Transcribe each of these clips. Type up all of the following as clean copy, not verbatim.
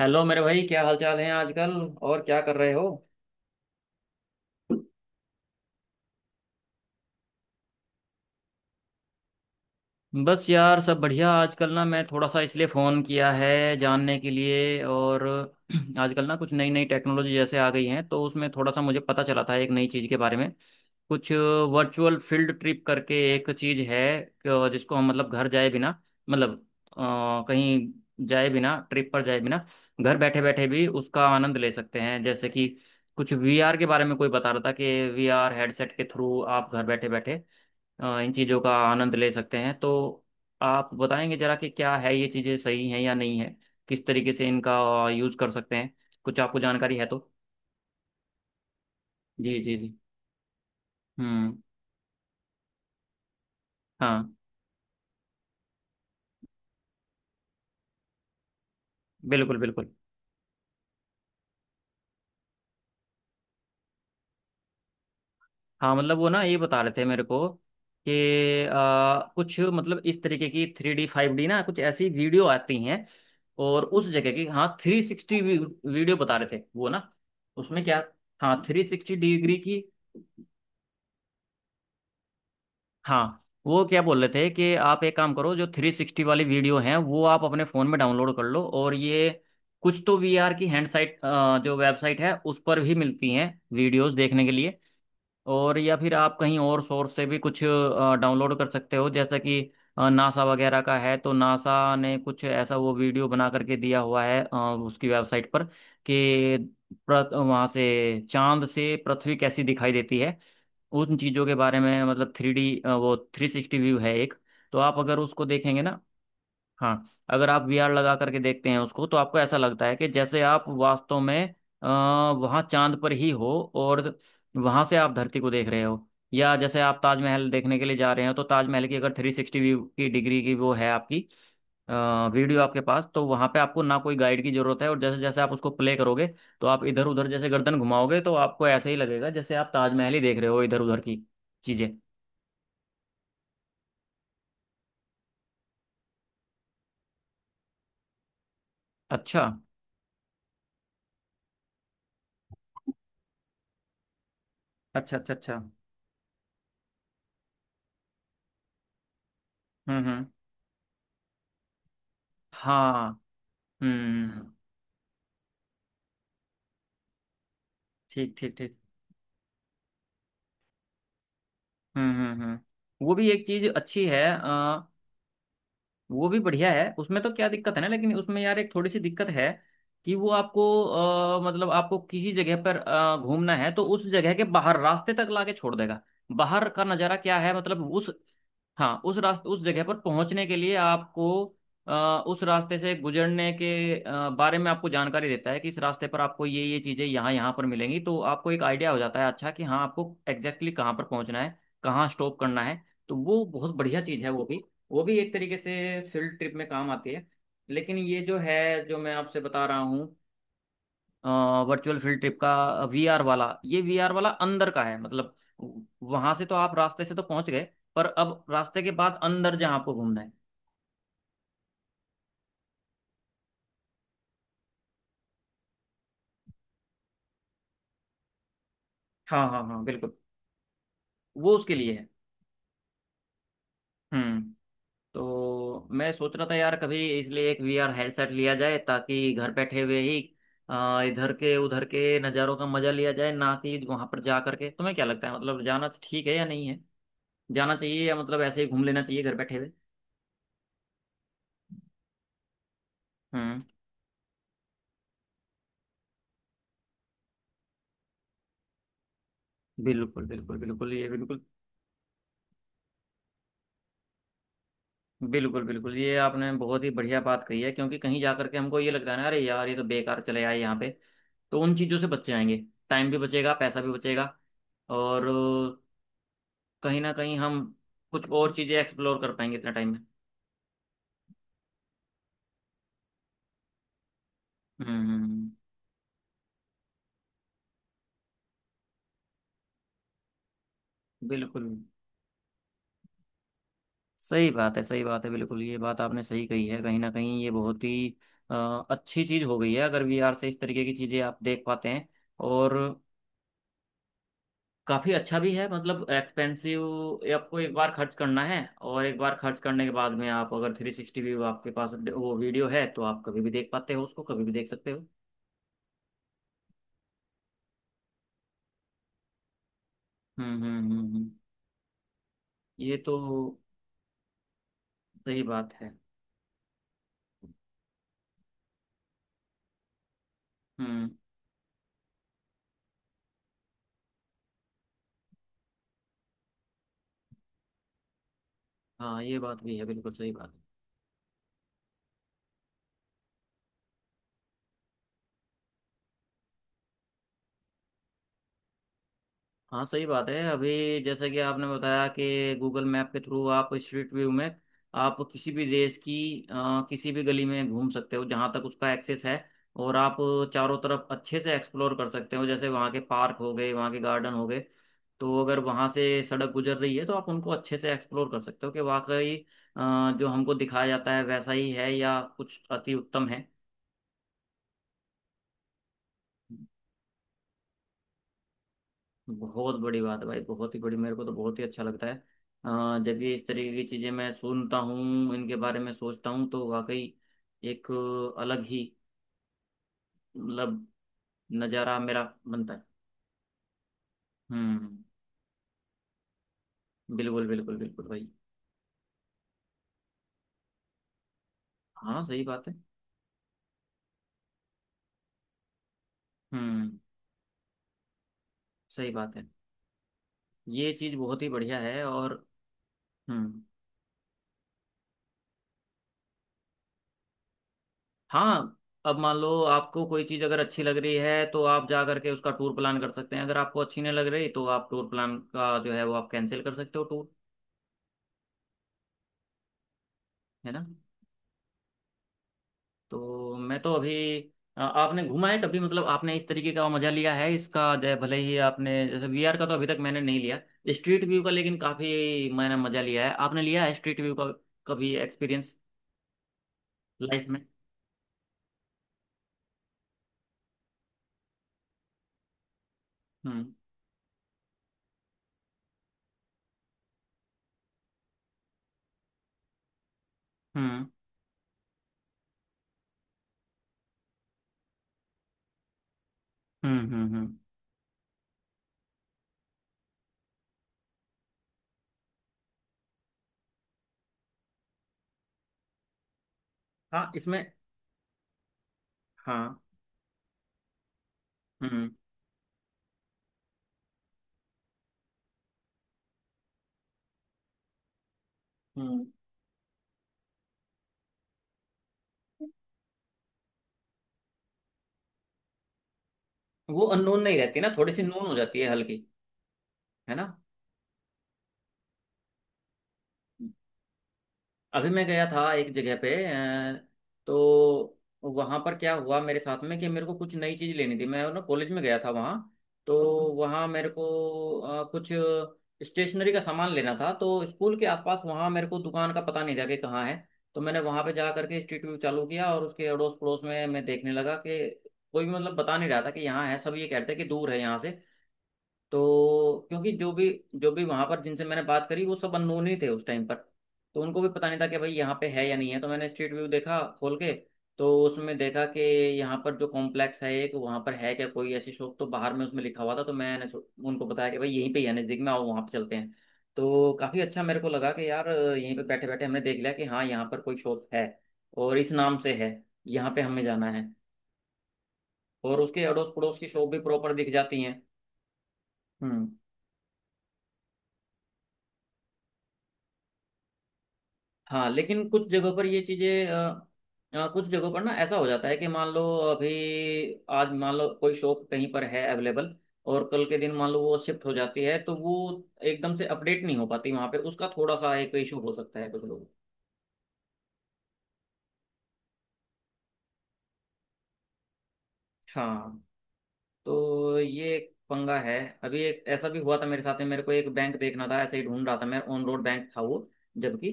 Hello मेरे भाई, क्या हाल चाल है आजकल? और क्या कर रहे हो? बस यार, सब बढ़िया आजकल। ना मैं थोड़ा सा इसलिए फ़ोन किया है जानने के लिए, और आजकल ना कुछ नई नई टेक्नोलॉजी जैसे आ गई हैं, तो उसमें थोड़ा सा मुझे पता चला था एक नई चीज़ के बारे में कुछ। वर्चुअल फील्ड ट्रिप करके एक चीज़ है जिसको हम मतलब घर जाए बिना, मतलब कहीं जाए बिना, ट्रिप पर जाए बिना घर बैठे बैठे भी उसका आनंद ले सकते हैं। जैसे कि कुछ वीआर के बारे में कोई बता रहा था कि वीआर हेडसेट के थ्रू आप घर बैठे बैठे इन चीज़ों का आनंद ले सकते हैं। तो आप बताएंगे जरा कि क्या है ये चीज़ें, सही हैं या नहीं है, किस तरीके से इनका यूज़ कर सकते हैं, कुछ आपको जानकारी है तो। जी जी जी। हम्म। हाँ, बिल्कुल बिल्कुल। हाँ, मतलब वो ना ये बता रहे थे मेरे को कि कुछ मतलब इस तरीके की थ्री डी फाइव डी ना कुछ ऐसी वीडियो आती हैं, और उस जगह की, हाँ, थ्री सिक्सटी वीडियो बता रहे थे वो ना। उसमें क्या, हाँ, थ्री सिक्सटी डिग्री की। हाँ, वो क्या बोल रहे थे कि आप एक काम करो, जो थ्री सिक्सटी वाली वीडियो हैं वो आप अपने फ़ोन में डाउनलोड कर लो, और ये कुछ तो वीआर की हैंड साइट, जो वेबसाइट है उस पर भी मिलती हैं वीडियोस देखने के लिए। और या फिर आप कहीं और सोर्स से भी कुछ डाउनलोड कर सकते हो, जैसा कि नासा वगैरह का है, तो नासा ने कुछ ऐसा वो वीडियो बना करके दिया हुआ है उसकी वेबसाइट पर कि वहाँ से चांद से पृथ्वी कैसी दिखाई देती है। उन चीज़ों के बारे में, मतलब थ्री डी वो थ्री सिक्सटी व्यू है एक। तो आप अगर उसको देखेंगे ना, हाँ, अगर आप वीआर लगा करके देखते हैं उसको, तो आपको ऐसा लगता है कि जैसे आप वास्तव में वहाँ चांद पर ही हो, और वहाँ से आप धरती को देख रहे हो। या जैसे आप ताजमहल देखने के लिए जा रहे हो, तो ताजमहल की अगर थ्री सिक्सटी व्यू की डिग्री की वो है आपकी अ, वीडियो आपके पास, तो वहाँ पे आपको ना कोई गाइड की जरूरत है। और जैसे जैसे आप उसको प्ले करोगे, तो आप इधर उधर जैसे गर्दन घुमाओगे, तो आपको ऐसे ही लगेगा जैसे आप ताजमहल ही देख रहे हो, इधर उधर की चीज़ें। अच्छा अच्छा अच्छा। अच्छा, हम्म। हम्म। हाँ, हम्म। ठीक ठीक ठीक। हम्म। वो भी एक चीज अच्छी है। वो भी बढ़िया है, उसमें तो क्या दिक्कत है ना, लेकिन उसमें यार एक थोड़ी सी दिक्कत है कि वो आपको मतलब आपको किसी जगह पर घूमना है तो उस जगह के बाहर रास्ते तक लाके छोड़ देगा। बाहर का नज़ारा क्या है, मतलब उस, हाँ, उस रास्ते, उस जगह पर पहुंचने के लिए आपको अ, उस रास्ते से गुजरने के बारे में आपको जानकारी देता है, कि इस रास्ते पर आपको ये चीज़ें यहाँ यहाँ पर मिलेंगी, तो आपको एक आइडिया हो जाता है, अच्छा कि हाँ आपको एग्जैक्टली exactly कहाँ पर पहुंचना है, कहाँ स्टॉप करना है। तो वो बहुत बढ़िया चीज़ है वो भी, वो भी एक तरीके से फील्ड ट्रिप में काम आती है। लेकिन ये जो है, जो मैं आपसे बता रहा हूँ वर्चुअल फील्ड ट्रिप का वीआर वाला, ये वीआर वाला अंदर का है, मतलब वहां से तो आप रास्ते से तो पहुंच गए, पर अब रास्ते के बाद अंदर जहाँ आपको घूमना है। हाँ हाँ हाँ, बिल्कुल, वो उसके लिए है। हम्म। तो मैं सोच रहा था यार, कभी इसलिए एक वीआर हेडसेट लिया जाए, ताकि घर बैठे हुए ही इधर के उधर के नज़ारों का मजा लिया जाए, ना कि वहां पर जा करके। तुम्हें क्या लगता है, मतलब जाना तो ठीक है या नहीं है, जाना चाहिए, या मतलब ऐसे ही घूम लेना चाहिए घर बैठे हुए? हम्म। बिल्कुल बिल्कुल बिल्कुल, ये बिल्कुल, बिल्कुल बिल्कुल ये आपने बहुत ही बढ़िया बात कही है, क्योंकि कहीं जा करके हमको ये लगता है ना, अरे यार ये तो बेकार चले आए यहाँ पे। तो उन चीज़ों से बच जाएंगे, टाइम भी बचेगा, पैसा भी बचेगा, और कहीं ना कहीं हम कुछ और चीज़ें एक्सप्लोर कर पाएंगे इतना टाइम में। हम्म हम्म। बिल्कुल सही बात है, सही बात है, बिल्कुल ये बात आपने सही कही है। कहीं ना कहीं ये बहुत ही अ, अच्छी चीज़ हो गई है, अगर वीआर से इस तरीके की चीज़ें आप देख पाते हैं। और काफी अच्छा भी है, मतलब एक्सपेंसिव, आपको एक बार खर्च करना है, और एक बार खर्च करने के बाद में आप अगर थ्री सिक्सटी व्यू आपके पास वो वीडियो है, तो आप कभी भी देख पाते हो उसको, कभी भी देख सकते हो। हम्म हम्म हम्म हम्म। ये तो सही बात है। हम्म। हाँ ये बात भी है, बिल्कुल सही बात है। हाँ सही बात है। अभी जैसे कि आपने बताया कि गूगल मैप के थ्रू आप स्ट्रीट व्यू में आप किसी भी देश की किसी भी गली में घूम सकते हो, जहाँ तक उसका एक्सेस है, और आप चारों तरफ अच्छे से एक्सप्लोर कर सकते हो, जैसे वहाँ के पार्क हो गए, वहाँ के गार्डन हो गए। तो अगर वहाँ से सड़क गुजर रही है, तो आप उनको अच्छे से एक्सप्लोर कर सकते हो कि वाकई जो हमको दिखाया जाता है वैसा ही है, या कुछ अति उत्तम है। बहुत बड़ी बात है भाई, बहुत ही बड़ी। मेरे को तो बहुत ही अच्छा लगता है जब ये इस तरीके की चीज़ें मैं सुनता हूँ, इनके बारे में सोचता हूँ, तो वाकई एक अलग ही मतलब नज़ारा मेरा बनता है। हम्म। बिल्कुल बिल्कुल बिल्कुल भाई। हाँ, सही बात है। हम्म। सही बात है, ये चीज़ बहुत ही बढ़िया है। और हम्म। हाँ, अब मान लो आपको कोई चीज़ अगर अच्छी लग रही है, तो आप जा करके उसका टूर प्लान कर सकते हैं। अगर आपको अच्छी नहीं लग रही, तो आप टूर प्लान का जो है वो आप कैंसिल कर सकते हो, टूर। है ना? तो मैं तो अभी आपने घूमा है कभी, मतलब आपने इस तरीके का मजा लिया है इसका, जय भले ही आपने, जैसे वीआर का तो अभी तक मैंने नहीं लिया, स्ट्रीट व्यू का लेकिन काफी मैंने मजा लिया है। आपने लिया है स्ट्रीट व्यू का कभी एक्सपीरियंस लाइफ में? हम्म हम्म हम्म हम्म हम्म। हाँ इसमें। हाँ। हम्म। हम्म। वो अननोन नहीं रहती ना, थोड़ी सी नोन हो जाती है हल्की। है ना? अभी मैं गया था एक जगह पे तो वहां पर क्या हुआ मेरे साथ में कि मेरे को कुछ नई चीज लेनी थी, मैं ना कॉलेज में गया था वहां, तो वहां मेरे को कुछ स्टेशनरी का सामान लेना था। तो स्कूल के आसपास वहां मेरे को दुकान का पता नहीं था कि कहाँ है, तो मैंने वहां पे जा करके स्ट्रीट व्यू चालू किया, और उसके अड़ोस पड़ोस में मैं देखने लगा कि कोई भी मतलब बता नहीं रहा था कि यहाँ है, सब ये कहते हैं कि दूर है यहाँ से। तो क्योंकि जो भी वहां पर जिनसे मैंने बात करी वो सब अननोन ही थे उस टाइम पर, तो उनको भी पता नहीं था कि भाई यहाँ पे है या नहीं है। तो मैंने स्ट्रीट व्यू देखा खोल के, तो उसमें देखा कि यहाँ पर जो कॉम्प्लेक्स है एक वहाँ पर, है क्या कोई ऐसी शॉप? तो बाहर में उसमें लिखा हुआ था, तो मैंने उनको बताया कि भाई यहीं पे ही है, नजदीक में, आओ वहाँ पे चलते हैं। तो काफी अच्छा मेरे को लगा कि यार यहीं पे बैठे बैठे हमने देख लिया कि हाँ यहाँ पर कोई शॉप है, और इस नाम से है, यहाँ पे हमें जाना है। और उसके अड़ोस पड़ोस की शॉप भी प्रॉपर दिख जाती हैं। हम्म। हाँ लेकिन कुछ जगहों पर ये चीज़ें कुछ जगहों पर ना ऐसा हो जाता है कि मान लो अभी आज मान लो कोई शॉप कहीं पर है अवेलेबल, और कल के दिन मान लो वो शिफ्ट हो जाती है, तो वो एकदम से अपडेट नहीं हो पाती वहाँ पे, उसका थोड़ा सा एक इशू हो सकता है कुछ लोग। हाँ, तो ये एक पंगा है। अभी एक ऐसा भी हुआ था मेरे साथ में, मेरे को एक बैंक देखना था, ऐसे ही ढूंढ रहा था मैं, ऑन रोड बैंक था वो, जबकि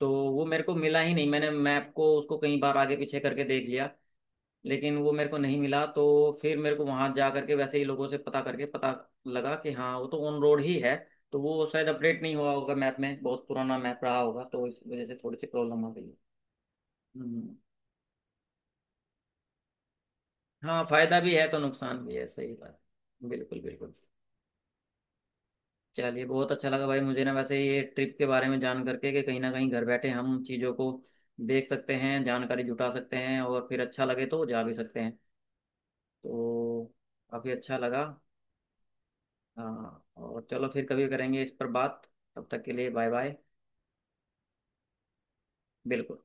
तो वो मेरे को मिला ही नहीं। मैंने मैप को उसको कई बार आगे पीछे करके देख लिया, लेकिन वो मेरे को नहीं मिला, तो फिर मेरे को वहां जा करके वैसे ही लोगों से पता करके पता लगा कि हाँ वो तो ऑन रोड ही है। तो वो शायद अपडेट नहीं हुआ होगा मैप में, बहुत पुराना मैप रहा होगा, तो इस वजह से थोड़ी सी प्रॉब्लम आ गई है। हम्म। हाँ, फायदा भी है तो नुकसान भी है, सही बात। बिल्कुल बिल्कुल। चलिए, बहुत अच्छा लगा भाई मुझे ना, वैसे ये ट्रिप के बारे में जान करके, कि कहीं ना कहीं घर बैठे हम चीज़ों को देख सकते हैं, जानकारी जुटा सकते हैं, और फिर अच्छा लगे तो जा भी सकते हैं तो। काफ़ी अच्छा लगा। हाँ और चलो फिर कभी करेंगे इस पर बात। तब तक के लिए बाय बाय। बिल्कुल।